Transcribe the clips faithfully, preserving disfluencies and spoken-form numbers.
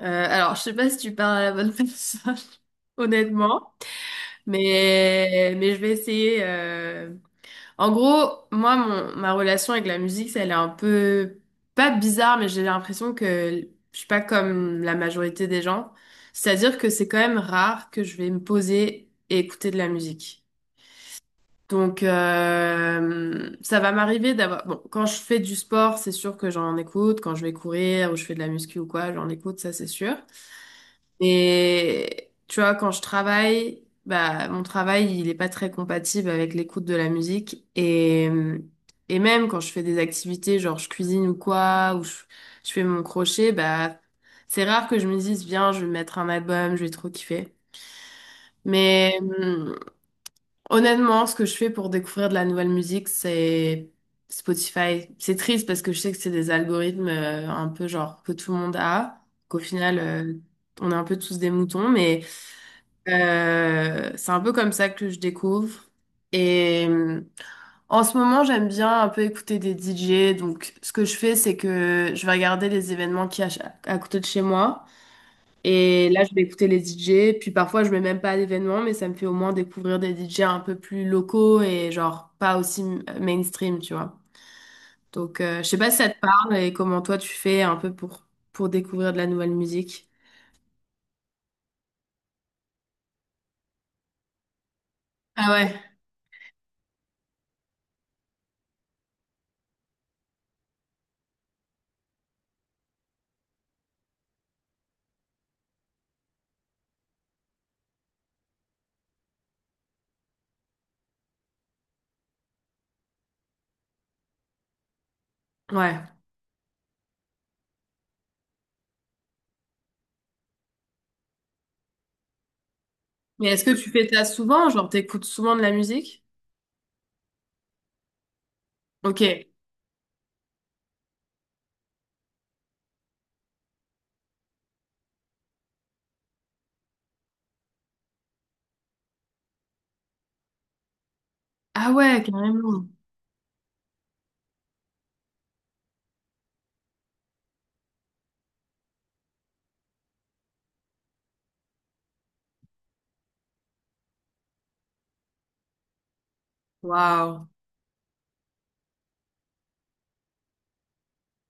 Euh, alors, je sais pas si tu parles à la bonne personne, honnêtement, mais, mais je vais essayer. euh. En gros, moi, mon, ma relation avec la musique, ça, elle est un peu, pas bizarre, mais j'ai l'impression que je suis pas comme la majorité des gens. C'est-à-dire que c'est quand même rare que je vais me poser et écouter de la musique. Donc, euh, ça va m'arriver d'avoir... Bon, quand je fais du sport, c'est sûr que j'en écoute. Quand je vais courir ou je fais de la muscu ou quoi, j'en écoute, ça c'est sûr. Et tu vois, quand je travaille, bah, mon travail, il est pas très compatible avec l'écoute de la musique. Et, et même quand je fais des activités, genre je cuisine ou quoi, ou je, je fais mon crochet, bah, c'est rare que je me dise, viens, je vais mettre un album, je vais trop kiffer. Mais hum, honnêtement, ce que je fais pour découvrir de la nouvelle musique, c'est Spotify. C'est triste parce que je sais que c'est des algorithmes euh, un peu genre que tout le monde a, qu'au final, euh, on est un peu tous des moutons, mais... Euh, c'est un peu comme ça que je découvre. Et euh, en ce moment, j'aime bien un peu écouter des D J. Donc, ce que je fais, c'est que je vais regarder les événements qu'il y a ch- à côté de chez moi. Et là, je vais écouter les D J. Puis parfois, je vais même pas à l'événement, mais ça me fait au moins découvrir des D J un peu plus locaux et genre pas aussi m- mainstream, tu vois. Donc, euh, je sais pas si ça te parle et comment toi tu fais un peu pour, pour découvrir de la nouvelle musique. Ah ouais. Ouais. Mais est-ce que tu fais ça souvent? Genre, t'écoutes souvent de la musique? Ok. Ah ouais, carrément. Waouh.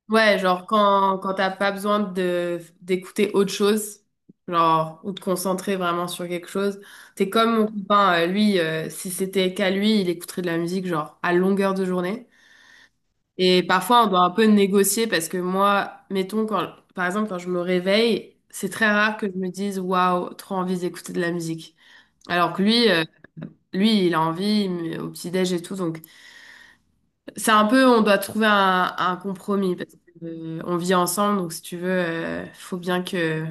Ouais, genre quand, quand t'as pas besoin de d'écouter autre chose, genre, ou de concentrer vraiment sur quelque chose, t'es comme mon copain, euh, lui, euh, si c'était qu'à lui, il écouterait de la musique, genre, à longueur de journée. Et parfois, on doit un peu négocier parce que moi, mettons, quand, par exemple, quand je me réveille, c'est très rare que je me dise, waouh, trop envie d'écouter de la musique. Alors que lui, euh, lui, il a envie mais au petit-déj et tout, donc. C'est un peu, on doit trouver un, un compromis parce que, euh, on vit ensemble, donc si tu veux, euh, faut bien que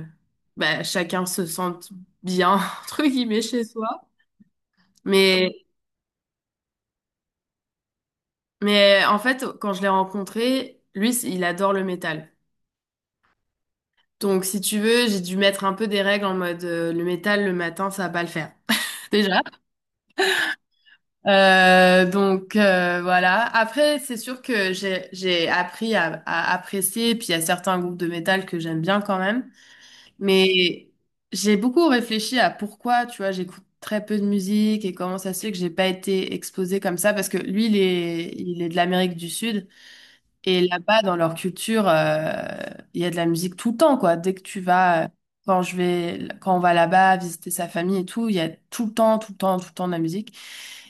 bah, chacun se sente bien, entre guillemets, chez soi. Mais, mais en fait, quand je l'ai rencontré, lui, c- il adore le métal. Donc si tu veux, j'ai dû mettre un peu des règles en mode euh, le métal le matin, ça va pas le faire. Déjà. Euh, donc euh, voilà. Après, c'est sûr que j'ai j'ai appris à, à apprécier, puis il y a certains groupes de métal que j'aime bien quand même. Mais j'ai beaucoup réfléchi à pourquoi, tu vois, j'écoute très peu de musique et comment ça se fait que j'ai pas été exposée comme ça parce que lui, il est, il est de l'Amérique du Sud et là-bas, dans leur culture, euh, il y a de la musique tout le temps, quoi. Dès que tu vas, euh, quand je vais, quand on va là-bas visiter sa famille et tout, il y a tout le temps, tout le temps, tout le temps de la musique.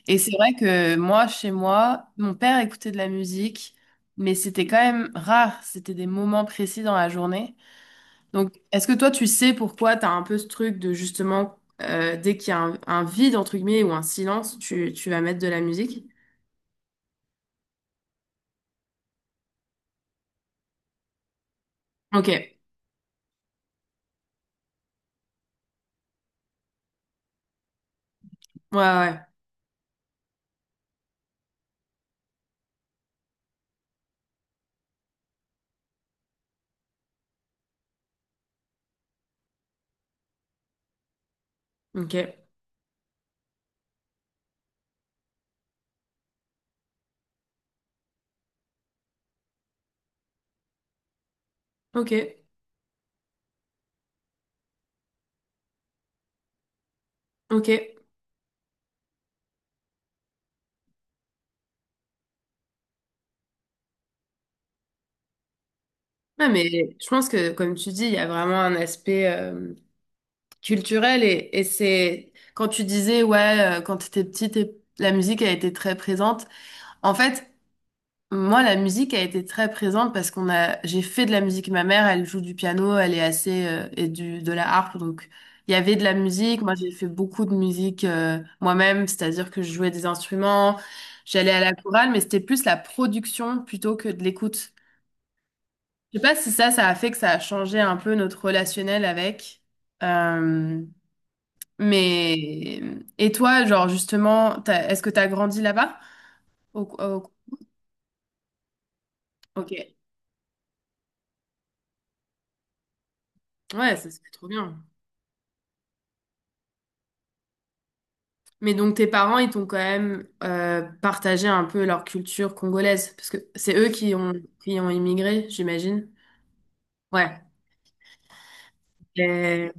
Et c'est vrai que moi, chez moi, mon père écoutait de la musique, mais c'était quand même rare. C'était des moments précis dans la journée. Donc, est-ce que toi, tu sais pourquoi tu as un peu ce truc de justement, euh, dès qu'il y a un, un vide, entre guillemets, ou un silence, tu, tu vas mettre de la musique? Ok, ouais, ouais, ouais. Ok, ok, ok. Ouais, mais je pense que, comme tu dis, il y a vraiment un aspect euh, culturel et, et c'est quand tu disais, ouais, euh, quand tu étais petite, la musique a été très présente. En fait, moi, la musique a été très présente parce qu'on a, j'ai fait de la musique. Ma mère, elle joue du piano, elle est assez, euh, et du, de la harpe. Donc, il y avait de la musique. Moi, j'ai fait beaucoup de musique, euh, moi-même. C'est-à-dire que je jouais des instruments, j'allais à la chorale, mais c'était plus la production plutôt que de l'écoute. Je sais pas si ça, ça a fait que ça a changé un peu notre relationnel avec. Euh, mais, et toi, genre, justement, t'as- est-ce que t'as grandi là-bas? Au- au- ok. Ouais, ça, c'est trop bien. Mais donc tes parents, ils t'ont quand même euh, partagé un peu leur culture congolaise, parce que c'est eux qui ont, qui ont immigré, j'imagine. Ouais. Et-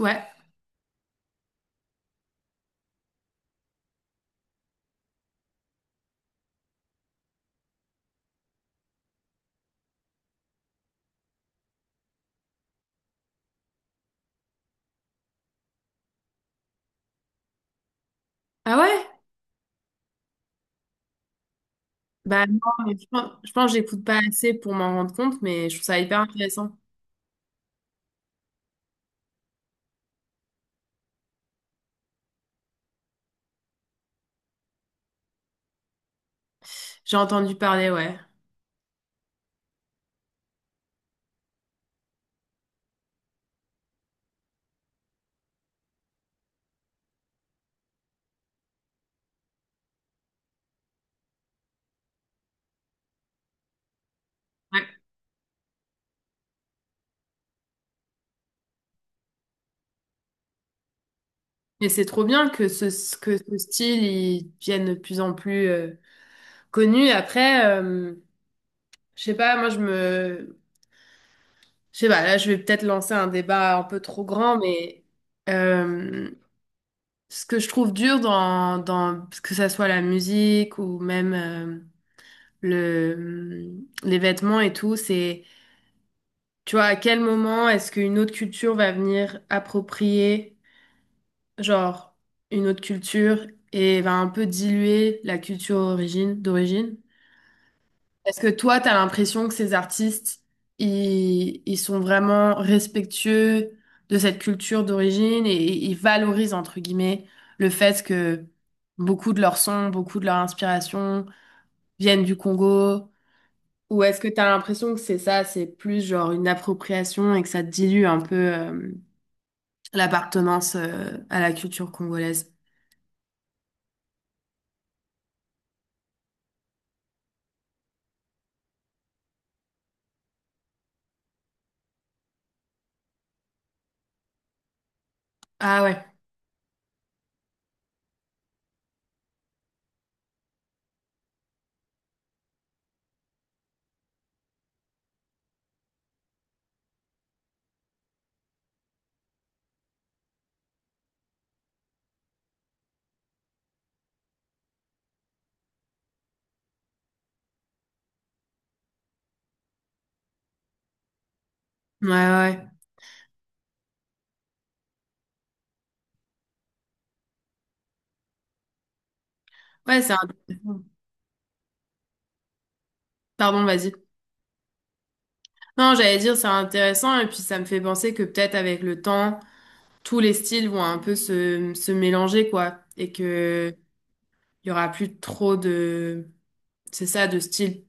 Ouais. Ah ouais? Bah non, mais je pense, je pense que j'écoute pas assez pour m'en rendre compte, mais je trouve ça hyper intéressant. J'ai entendu parler, ouais. Ouais. Mais c'est trop bien que ce, que ce style, il devienne de plus en plus euh, connu. Après, euh, je sais pas, moi je me... Je sais pas, là je vais peut-être lancer un débat un peu trop grand, mais... euh, Ce que je trouve dur dans, dans que ça soit la musique ou même euh, le, mm, les vêtements et tout, c'est, tu vois, à quel moment est-ce qu'une autre culture va venir approprier, genre, une autre culture et va un peu diluer la culture origine, d'origine? Est-ce que toi, tu as l'impression que ces artistes, ils, ils sont vraiment respectueux de cette culture d'origine et et ils valorisent, entre guillemets, le fait que beaucoup de leurs sons, beaucoup de leur inspiration viennent du Congo? Ou est-ce que tu as l'impression que c'est ça, c'est plus genre une appropriation et que ça dilue un peu euh, l'appartenance euh, à la culture congolaise? Ah ouais, ouais, ouais. Ouais, ouais, c'est un... Pardon, vas-y. Non, j'allais dire, c'est intéressant, et puis ça me fait penser que peut-être avec le temps, tous les styles vont un peu se, se mélanger, quoi, et que il y aura plus trop de, c'est ça, de style,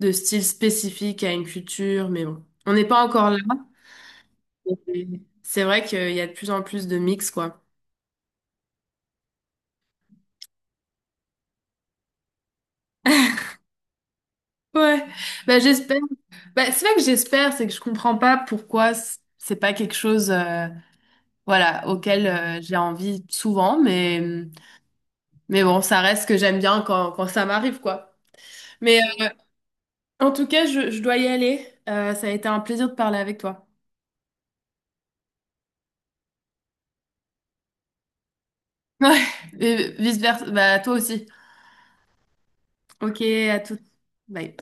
de style spécifique à une culture, mais bon, on n'est pas encore là, mais c'est vrai qu'il y a de plus en plus de mix, quoi. Ouais, bah j'espère. Bah, c'est vrai que j'espère, c'est que je comprends pas pourquoi c- c'est pas quelque chose, euh, voilà, auquel euh, j'ai envie souvent, mais. Mais bon, ça reste que j'aime bien quand, quand ça m'arrive, quoi. Mais euh, en tout cas, je, je dois y aller. Euh, ça a été un plaisir de parler avec toi. Ouais, et vice-versa. Bah, toi aussi. Ok, à toutes. Bye.